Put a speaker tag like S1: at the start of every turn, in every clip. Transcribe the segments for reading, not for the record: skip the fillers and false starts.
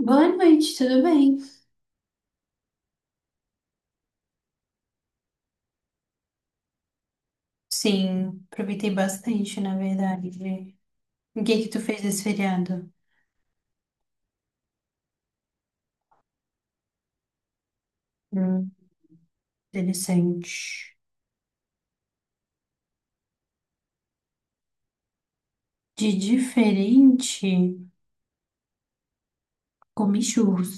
S1: Boa noite, tudo bem? Sim, aproveitei bastante, na verdade. O que que tu fez esse feriado? Hum, interessante. De diferente, comi churros.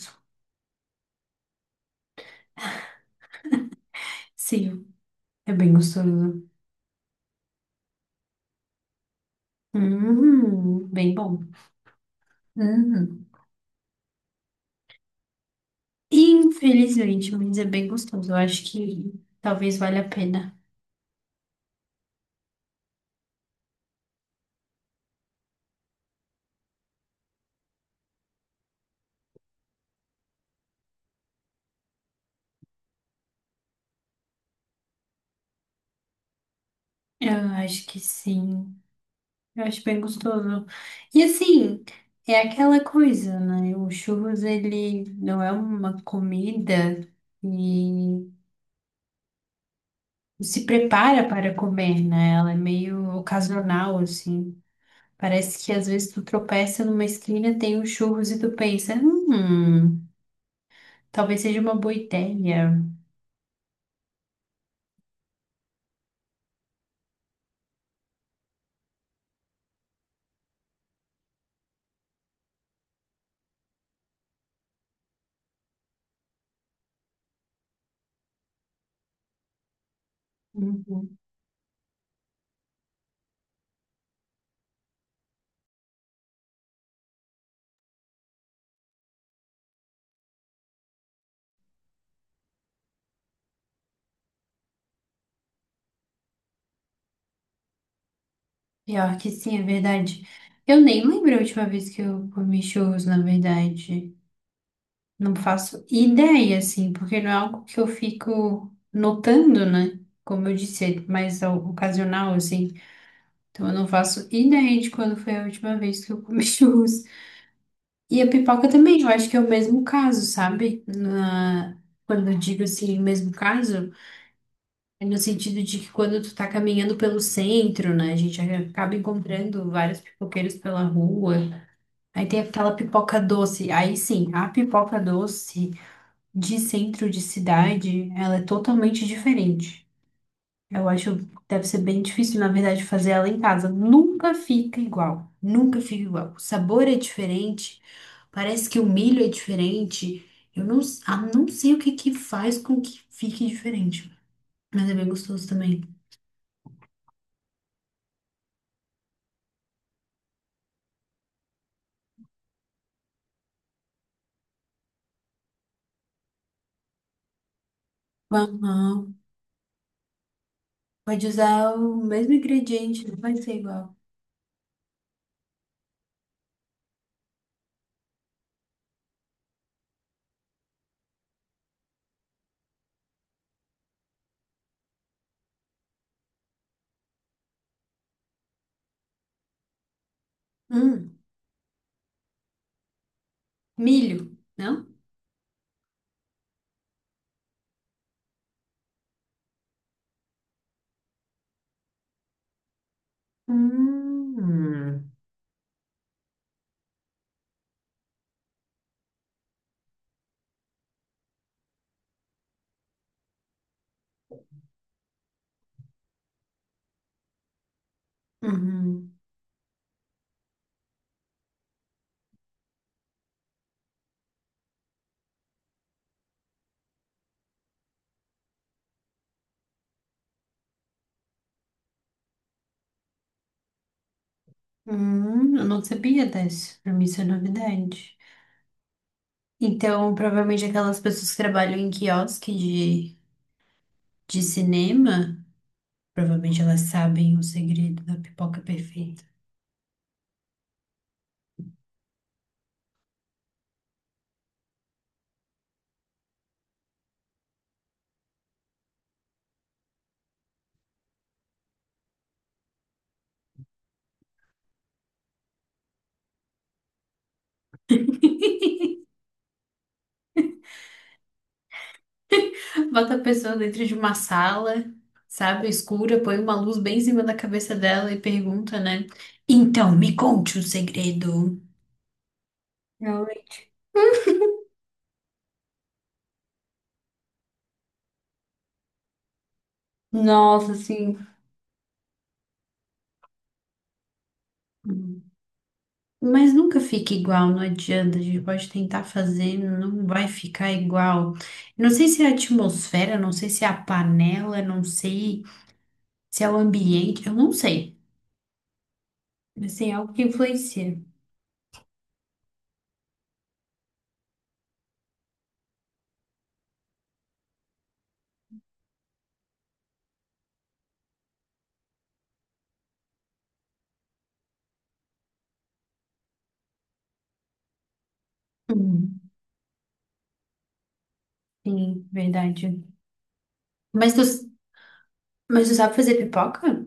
S1: Sim, é bem gostoso. Bem bom. Hum. Infelizmente, mas é bem gostoso. Eu acho que talvez valha a pena. Eu acho que sim. Eu acho bem gostoso. E assim, é aquela coisa, né? O churros, ele não é uma comida e se prepara para comer, né? Ela é meio ocasional, assim. Parece que às vezes tu tropeça numa esquina, tem um churros e tu pensa, talvez seja uma boa ideia. Uhum. Pior que sim, é verdade. Eu nem lembro a última vez que eu comi churros, na verdade. Não faço ideia, assim, porque não é algo que eu fico notando, né? Como eu disse, é mais ocasional, assim. Então eu não faço ideia de quando foi a última vez que eu comi churros. E a pipoca também, eu acho que é o mesmo caso, sabe? Quando eu digo assim, o mesmo caso, é no sentido de que quando tu tá caminhando pelo centro, né? A gente acaba encontrando vários pipoqueiros pela rua. Aí tem aquela pipoca doce. Aí sim, a pipoca doce de centro de cidade, ela é totalmente diferente. Eu acho que deve ser bem difícil, na verdade, fazer ela em casa. Nunca fica igual. Nunca fica igual. O sabor é diferente. Parece que o milho é diferente. Eu não, não sei o que que faz com que fique diferente. Mas é bem gostoso também. Aham. Pode usar o mesmo ingrediente, não vai ser igual. Hum, milho, não? Hum. Uhum. Eu não sabia dessa. Pra mim isso é novidade. Então, provavelmente aquelas pessoas que trabalham em quiosque de cinema, provavelmente elas sabem o segredo da pipoca perfeita. Bota a pessoa dentro de uma sala, sabe, escura, põe uma luz bem em cima da cabeça dela e pergunta, né? Então, me conte um segredo. Realmente. Nossa, assim. Hum. Mas nunca fica igual, não adianta. A gente pode tentar fazer, não vai ficar igual. Não sei se é a atmosfera, não sei se é a panela, não sei se é o ambiente, eu não sei. Assim, é algo que influencia. Hum, sim, verdade. Mas tu, mas tu sabe fazer pipoca?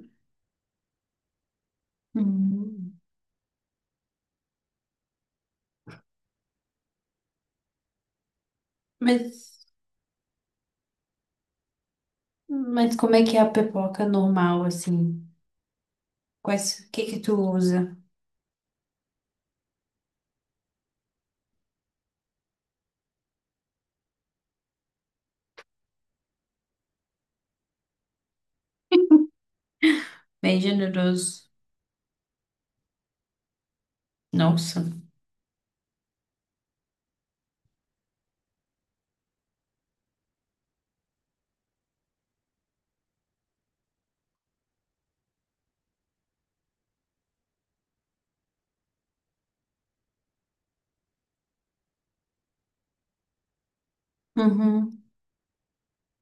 S1: Hum. Mas, mas como é que é a pipoca normal, assim? Quais, o que que tu usa? Bem generoso. Nossa. Uhum.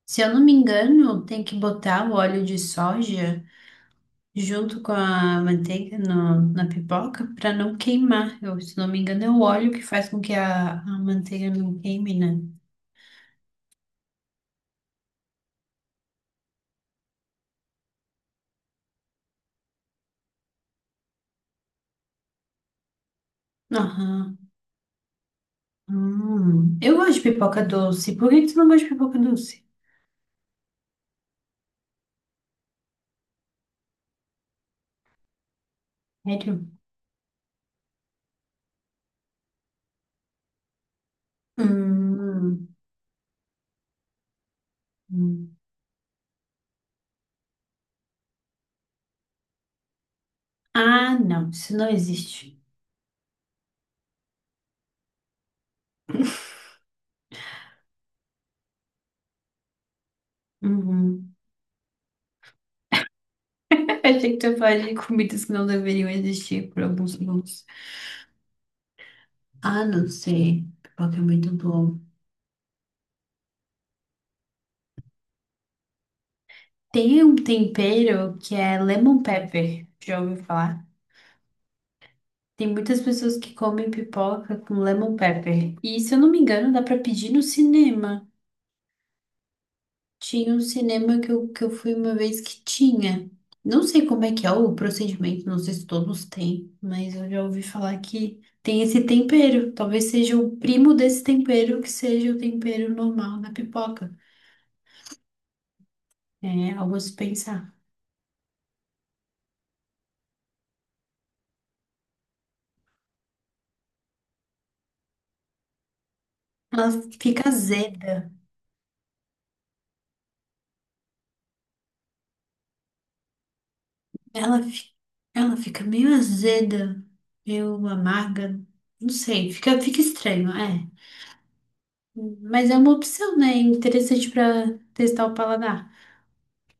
S1: Se eu não me engano, tem que botar o óleo de soja junto com a manteiga na pipoca para não queimar. Eu, se não me engano, é o óleo que faz com que a manteiga não queime, né? Aham. Hum. Eu gosto de pipoca doce. Por que que tu não gosta de pipoca doce? Sério? Hum. Hum. Ah, não, isso não existe. Uhum. Achei que tu ia falar de comidas que não deveriam existir por alguns segundos. Ah, não sei. Pipoca é muito bom. Tem um tempero que é lemon pepper. Já ouviu falar? Tem muitas pessoas que comem pipoca com lemon pepper. E se eu não me engano, dá pra pedir no cinema. Tinha um cinema que eu fui uma vez que tinha. Não sei como é que é o procedimento, não sei se todos têm, mas eu já ouvi falar que tem esse tempero. Talvez seja o primo desse tempero que seja o tempero normal na pipoca. É algo a se pensar. Ela fica azeda. Ela, fi- Ela fica meio azeda, meio amarga. Não sei, fica, fica estranho, é. Mas é uma opção, né? Interessante para testar o paladar.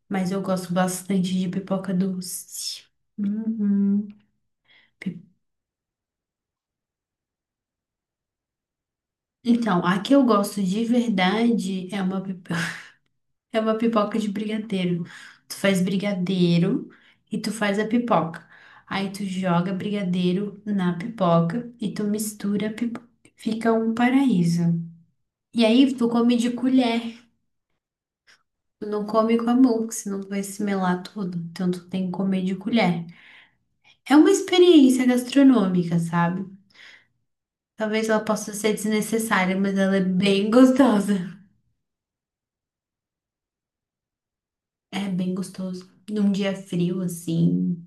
S1: Mas eu gosto bastante de pipoca doce. Uhum. Pi- Então, a que eu gosto de verdade é uma, pip- é uma pipoca de brigadeiro. Tu faz brigadeiro e tu faz a pipoca. Aí tu joga brigadeiro na pipoca e tu mistura a pipoca. Fica um paraíso. E aí tu come de colher. Tu não come com a mão, porque senão tu vai se melar tudo. Então tu tem que comer de colher. É uma experiência gastronômica, sabe? Talvez ela possa ser desnecessária, mas ela é bem gostosa. É bem gostoso. Num dia frio, assim,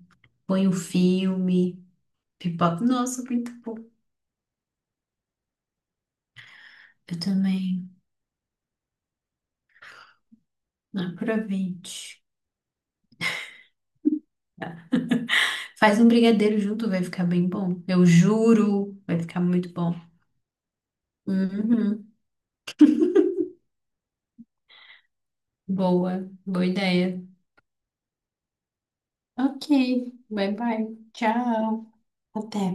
S1: põe um filme, pipoca. Nossa, muito bom. Eu também. Aproveite. Faz um brigadeiro junto, vai ficar bem bom. Eu juro, vai ficar muito bom. Uhum. Boa ideia. Ok, bye bye. Tchau. Até.